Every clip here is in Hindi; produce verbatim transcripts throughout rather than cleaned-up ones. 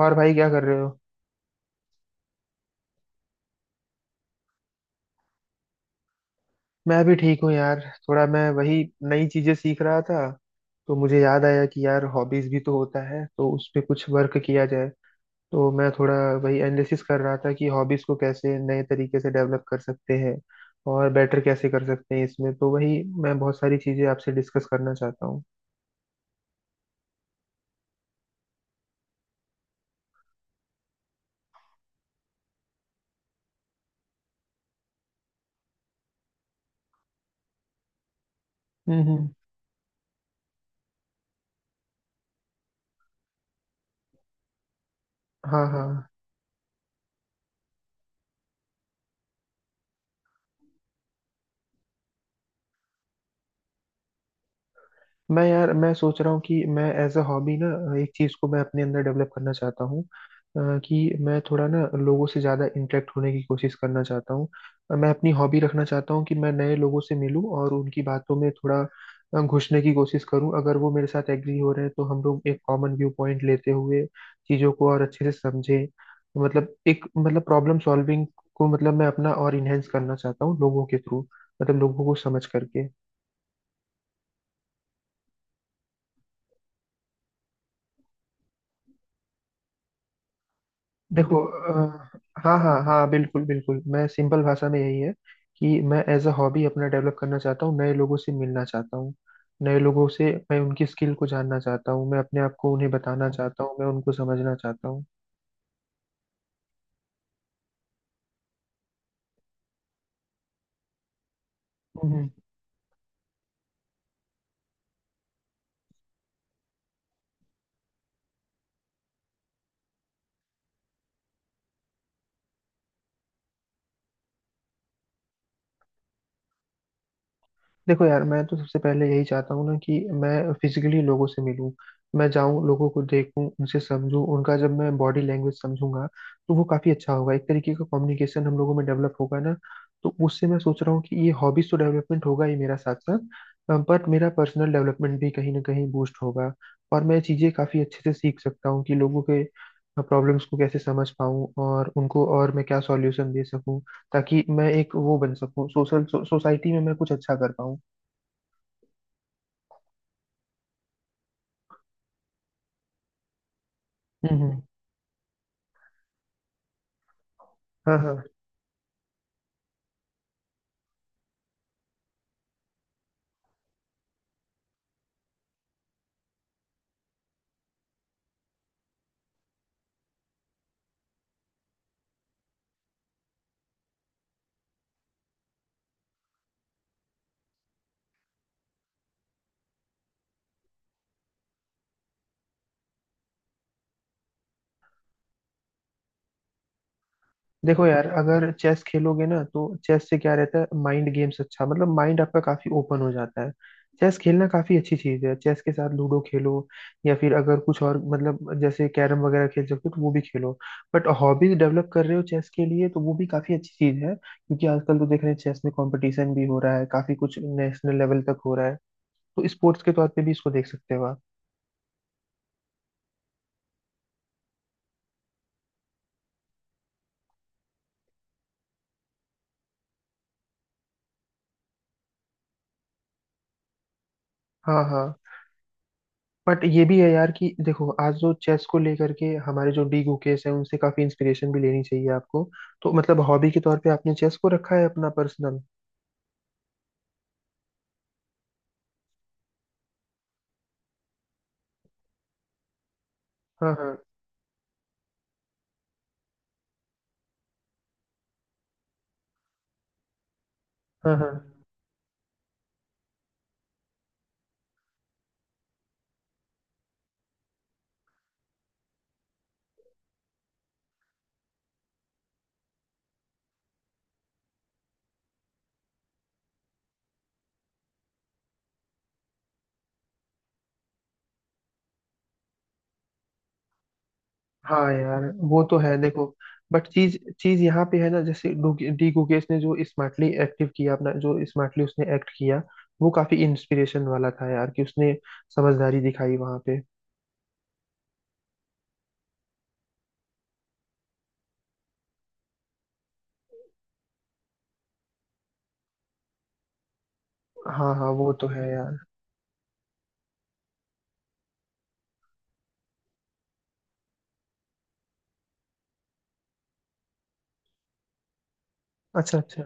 और भाई क्या कर रहे हो। मैं भी ठीक हूँ यार। थोड़ा मैं वही नई चीजें सीख रहा था। तो मुझे याद आया कि यार हॉबीज भी तो होता है तो उस पे कुछ वर्क किया जाए। तो मैं थोड़ा वही एनालिसिस कर रहा था कि हॉबीज को कैसे नए तरीके से डेवलप कर सकते हैं और बेटर कैसे कर सकते हैं। इसमें तो वही मैं बहुत सारी चीजें आपसे डिस्कस करना चाहता हूँ। हम्म हम्म। हाँ हाँ। मैं यार मैं सोच रहा हूँ कि मैं एज अ हॉबी ना एक चीज़ को मैं अपने अंदर डेवलप करना चाहता हूँ अ, कि मैं थोड़ा ना लोगों से ज़्यादा इंटरेक्ट होने की कोशिश करना चाहता हूँ। अ, मैं अपनी हॉबी रखना चाहता हूँ कि मैं नए लोगों से मिलूँ और उनकी बातों में थोड़ा अ, घुसने की कोशिश करूँ। अगर वो मेरे साथ एग्री हो रहे हैं तो हम लोग एक कॉमन व्यू पॉइंट लेते हुए चीज़ों को और अच्छे से समझें। मतलब एक मतलब प्रॉब्लम सॉल्विंग को मतलब मैं अपना और इनहेंस करना चाहता हूँ लोगों के थ्रू, मतलब लोगों को समझ करके। देखो अ, हाँ हाँ हाँ, बिल्कुल बिल्कुल। मैं सिंपल भाषा में यही है कि मैं एज अ हॉबी अपना डेवलप करना चाहता हूँ, नए लोगों से मिलना चाहता हूँ, नए लोगों से मैं उनकी स्किल को जानना चाहता हूँ, मैं अपने आप को उन्हें बताना चाहता हूँ, मैं उनको समझना चाहता हूँ। हम्म। देखो यार, मैं तो सबसे पहले यही चाहता हूँ ना कि मैं फिजिकली लोगों से मिलूं। मैं जाऊं, लोगों को देखूं, उनसे समझूं, उनका जब मैं बॉडी लैंग्वेज समझूंगा तो वो काफी अच्छा होगा। एक तरीके का कम्युनिकेशन हम लोगों में डेवलप होगा ना। तो उससे मैं सोच रहा हूँ कि ये हॉबीज तो डेवलपमेंट होगा ही मेरा साथ साथ, बट मेरा पर्सनल डेवलपमेंट भी कहीं ना कहीं बूस्ट होगा। और मैं चीजें काफी अच्छे से सीख सकता हूँ कि लोगों के प्रॉब्लम्स को कैसे समझ पाऊँ और उनको और मैं क्या सॉल्यूशन दे सकूँ, ताकि मैं एक वो बन सकूँ सोशल सोसाइटी में, मैं कुछ अच्छा कर पाऊँ। हम्म। हाँ हाँ। देखो यार, अगर चेस खेलोगे ना तो चेस से क्या रहता है माइंड गेम्स, अच्छा मतलब माइंड आपका काफी ओपन हो जाता है। चेस खेलना काफी अच्छी चीज है। चेस के साथ लूडो खेलो, या फिर अगर कुछ और मतलब जैसे कैरम वगैरह खेल सकते हो तो वो भी खेलो। बट हॉबीज डेवलप कर रहे हो चेस के लिए तो वो भी काफी अच्छी चीज है, क्योंकि आजकल तो देख रहे हैं चेस में कंपटीशन भी हो रहा है काफी कुछ, नेशनल लेवल तक हो रहा है। तो स्पोर्ट्स के तौर पे भी इसको देख सकते हो आप। हाँ हाँ। बट ये भी है यार कि देखो आज जो चेस को लेकर के हमारे जो डी गुकेश हैं उनसे काफी इंस्पिरेशन भी लेनी चाहिए आपको। तो मतलब हॉबी के तौर पे आपने चेस को रखा है अपना पर्सनल। हाँ हाँ हाँ। हाँ हाँ यार, वो तो है। देखो बट चीज चीज यहाँ पे है ना, जैसे डुग- डी गुकेश ने जो स्मार्टली एक्टिव किया अपना, जो स्मार्टली उसने एक्ट किया वो काफी इंस्पिरेशन वाला था यार। कि उसने समझदारी दिखाई वहां पे। हाँ हाँ, वो तो है यार। अच्छा अच्छा।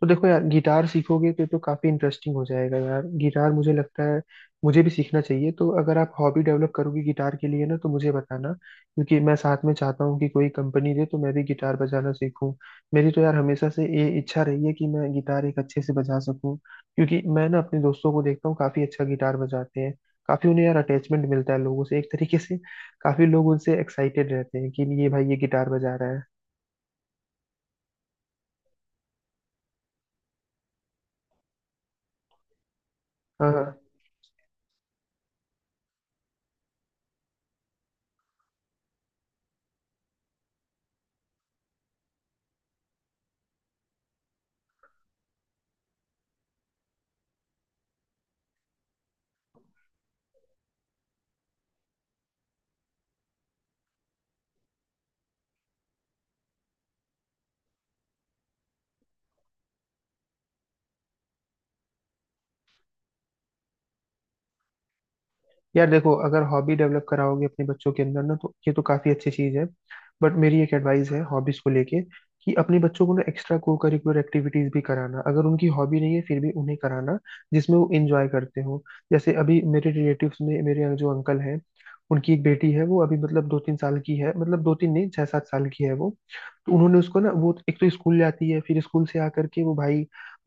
तो देखो यार, गिटार सीखोगे तो, तो काफी इंटरेस्टिंग हो जाएगा यार। गिटार मुझे लगता है मुझे भी सीखना चाहिए, तो अगर आप हॉबी डेवलप करोगे गिटार के लिए ना तो मुझे बताना, क्योंकि मैं साथ में चाहता हूँ कि कोई कंपनी दे तो मैं भी गिटार बजाना सीखूँ। मेरी तो यार हमेशा से ये इच्छा रही है कि मैं गिटार एक अच्छे से बजा सकूँ, क्योंकि मैं ना अपने दोस्तों को देखता हूँ काफी अच्छा गिटार बजाते हैं। काफी उन्हें यार अटैचमेंट मिलता है लोगों से एक तरीके से। काफी लोग उनसे एक्साइटेड रहते हैं कि ये भाई ये गिटार बजा रहा है। हाँ यार देखो, अगर हॉबी डेवलप कराओगे अपने बच्चों के अंदर ना तो ये तो काफी अच्छी चीज है। बट मेरी एक एडवाइस है हॉबीज को लेके, कि अपने बच्चों को ना एक्स्ट्रा को करिकुलर एक्टिविटीज भी कराना, अगर उनकी हॉबी नहीं है फिर भी उन्हें कराना, जिसमें वो इंजॉय करते हो। जैसे अभी मेरे रिलेटिव्स में मेरे जो अंकल हैं, उनकी एक बेटी है, वो अभी मतलब दो तीन साल की है, मतलब दो तीन नहीं छह सात साल की है वो। तो उन्होंने उसको ना, वो एक तो स्कूल जाती है, फिर स्कूल से आकर के वो भाई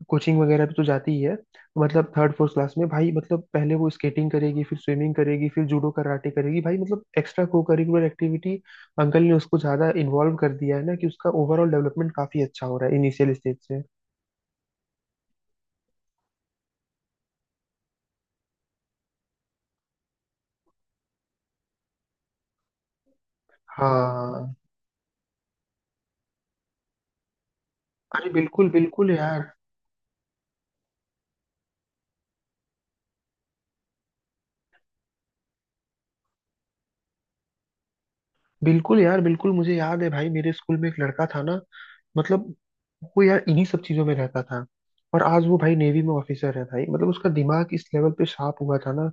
कोचिंग वगैरह भी तो जाती ही है। मतलब थर्ड फोर्थ क्लास में भाई, मतलब पहले वो स्केटिंग करेगी, फिर स्विमिंग करेगी, फिर जूडो कराटे करेगी, भाई मतलब extra co curricular activity uncle ने उसको ज्यादा इन्वॉल्व कर दिया है ना, कि उसका ओवरऑल डेवलपमेंट काफी अच्छा हो रहा है इनिशियल स्टेज से। हाँ। अरे बिल्कुल बिल्कुल यार। बिल्कुल यार बिल्कुल, मुझे याद है भाई मेरे स्कूल में एक लड़का था ना, मतलब वो यार इन्हीं सब चीजों में रहता था, और आज वो भाई नेवी में ऑफिसर है। भाई मतलब उसका दिमाग इस लेवल पे शार्प हुआ था ना।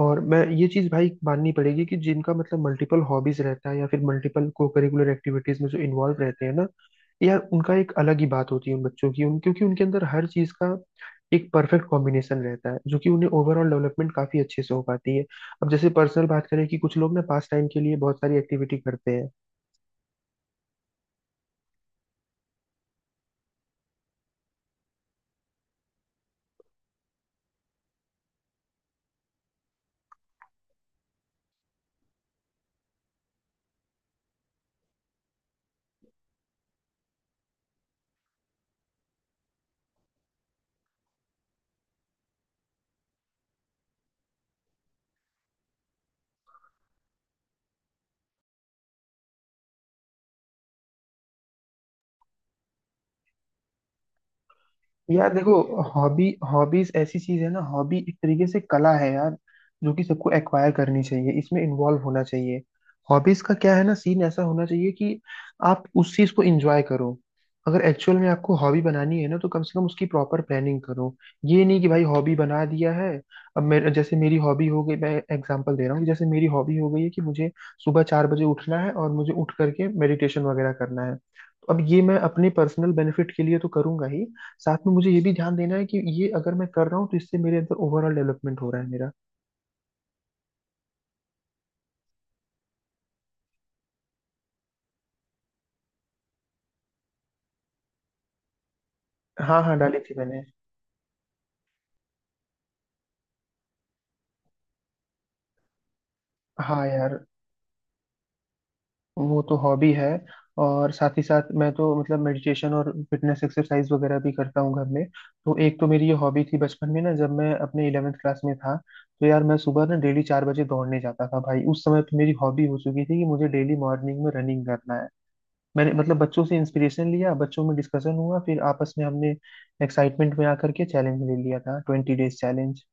और मैं ये चीज भाई माननी पड़ेगी कि जिनका मतलब मल्टीपल हॉबीज रहता है या फिर मल्टीपल को करिकुलर एक्टिविटीज में जो इन्वॉल्व रहते हैं ना, यार उनका एक अलग ही बात होती है उन बच्चों की, उन क्योंकि उनके अंदर हर चीज का एक परफेक्ट कॉम्बिनेशन रहता है, जो कि उन्हें ओवरऑल डेवलपमेंट काफी अच्छे से हो पाती है। अब जैसे पर्सनल बात करें कि कुछ लोग ना पास टाइम के लिए बहुत सारी एक्टिविटी करते हैं। यार देखो, हॉबी हॉबीज ऐसी चीज है ना, हॉबी एक तरीके से कला है यार, जो कि सबको एक्वायर करनी चाहिए, इसमें इन्वॉल्व होना चाहिए। हॉबीज का क्या है ना, सीन ऐसा होना चाहिए कि आप उस चीज को एंजॉय करो। अगर एक्चुअल में आपको हॉबी बनानी है ना तो कम से कम उसकी प्रॉपर प्लानिंग करो। ये नहीं कि भाई हॉबी बना दिया है। अब मेरे जैसे मेरी हॉबी हो गई, मैं एग्जांपल दे रहा हूँ कि जैसे मेरी हॉबी हो गई है कि मुझे सुबह चार बजे उठना है और मुझे उठ करके मेडिटेशन वगैरह करना है, तो अब ये मैं अपने पर्सनल बेनिफिट के लिए तो करूंगा ही, साथ में मुझे ये भी ध्यान देना है कि ये अगर मैं कर रहा हूँ तो इससे मेरे अंदर ओवरऑल डेवलपमेंट हो रहा है मेरा। हाँ हाँ, डाली थी मैंने। हाँ यार, वो तो हॉबी है। और साथ ही साथ मैं तो मतलब मेडिटेशन और फिटनेस एक्सरसाइज वगैरह भी करता हूँ घर में। तो एक तो मेरी ये हॉबी थी बचपन में ना, जब मैं अपने इलेवेंथ क्लास में था, तो यार मैं सुबह ना डेली चार बजे दौड़ने जाता था भाई। उस समय तो मेरी हॉबी हो चुकी थी कि मुझे डेली मॉर्निंग में रनिंग करना है। मैंने मतलब बच्चों से इंस्पिरेशन लिया, बच्चों में डिस्कशन हुआ, फिर आपस में हमने एक्साइटमेंट में आकर के चैलेंज ले लिया था ट्वेंटी डेज चैलेंज।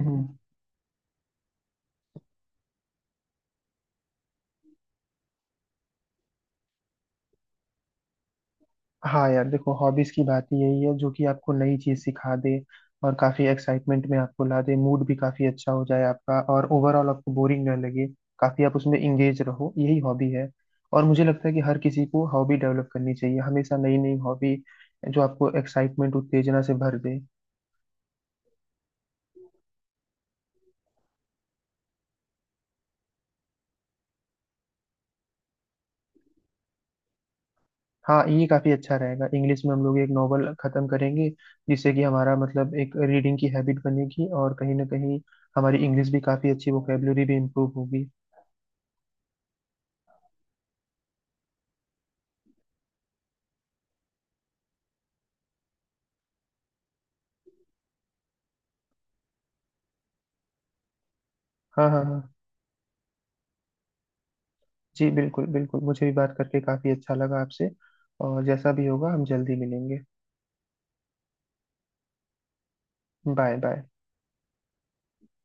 हम्म। हाँ यार देखो, हॉबीज की बात ही यही है जो कि आपको नई चीज सिखा दे, और काफी एक्साइटमेंट में आपको ला दे, मूड भी काफी अच्छा हो जाए आपका, और ओवरऑल आपको बोरिंग ना लगे, काफी आप उसमें इंगेज रहो, यही हॉबी है। और मुझे लगता है कि हर किसी को हॉबी डेवलप करनी चाहिए, हमेशा नई नई हॉबी, जो आपको एक्साइटमेंट उत्तेजना से भर दे। हाँ ये काफी अच्छा रहेगा, इंग्लिश में हम लोग एक नॉवल खत्म करेंगे, जिससे कि हमारा मतलब एक रीडिंग की हैबिट बनेगी, और कहीं ना कहीं हमारी इंग्लिश भी काफी अच्छी, वोकेबलरी भी इम्प्रूव होगी। हाँ हाँ हाँ। जी बिल्कुल बिल्कुल, मुझे भी बात करके काफी अच्छा लगा आपसे, और जैसा भी होगा हम जल्दी मिलेंगे। Bye bye.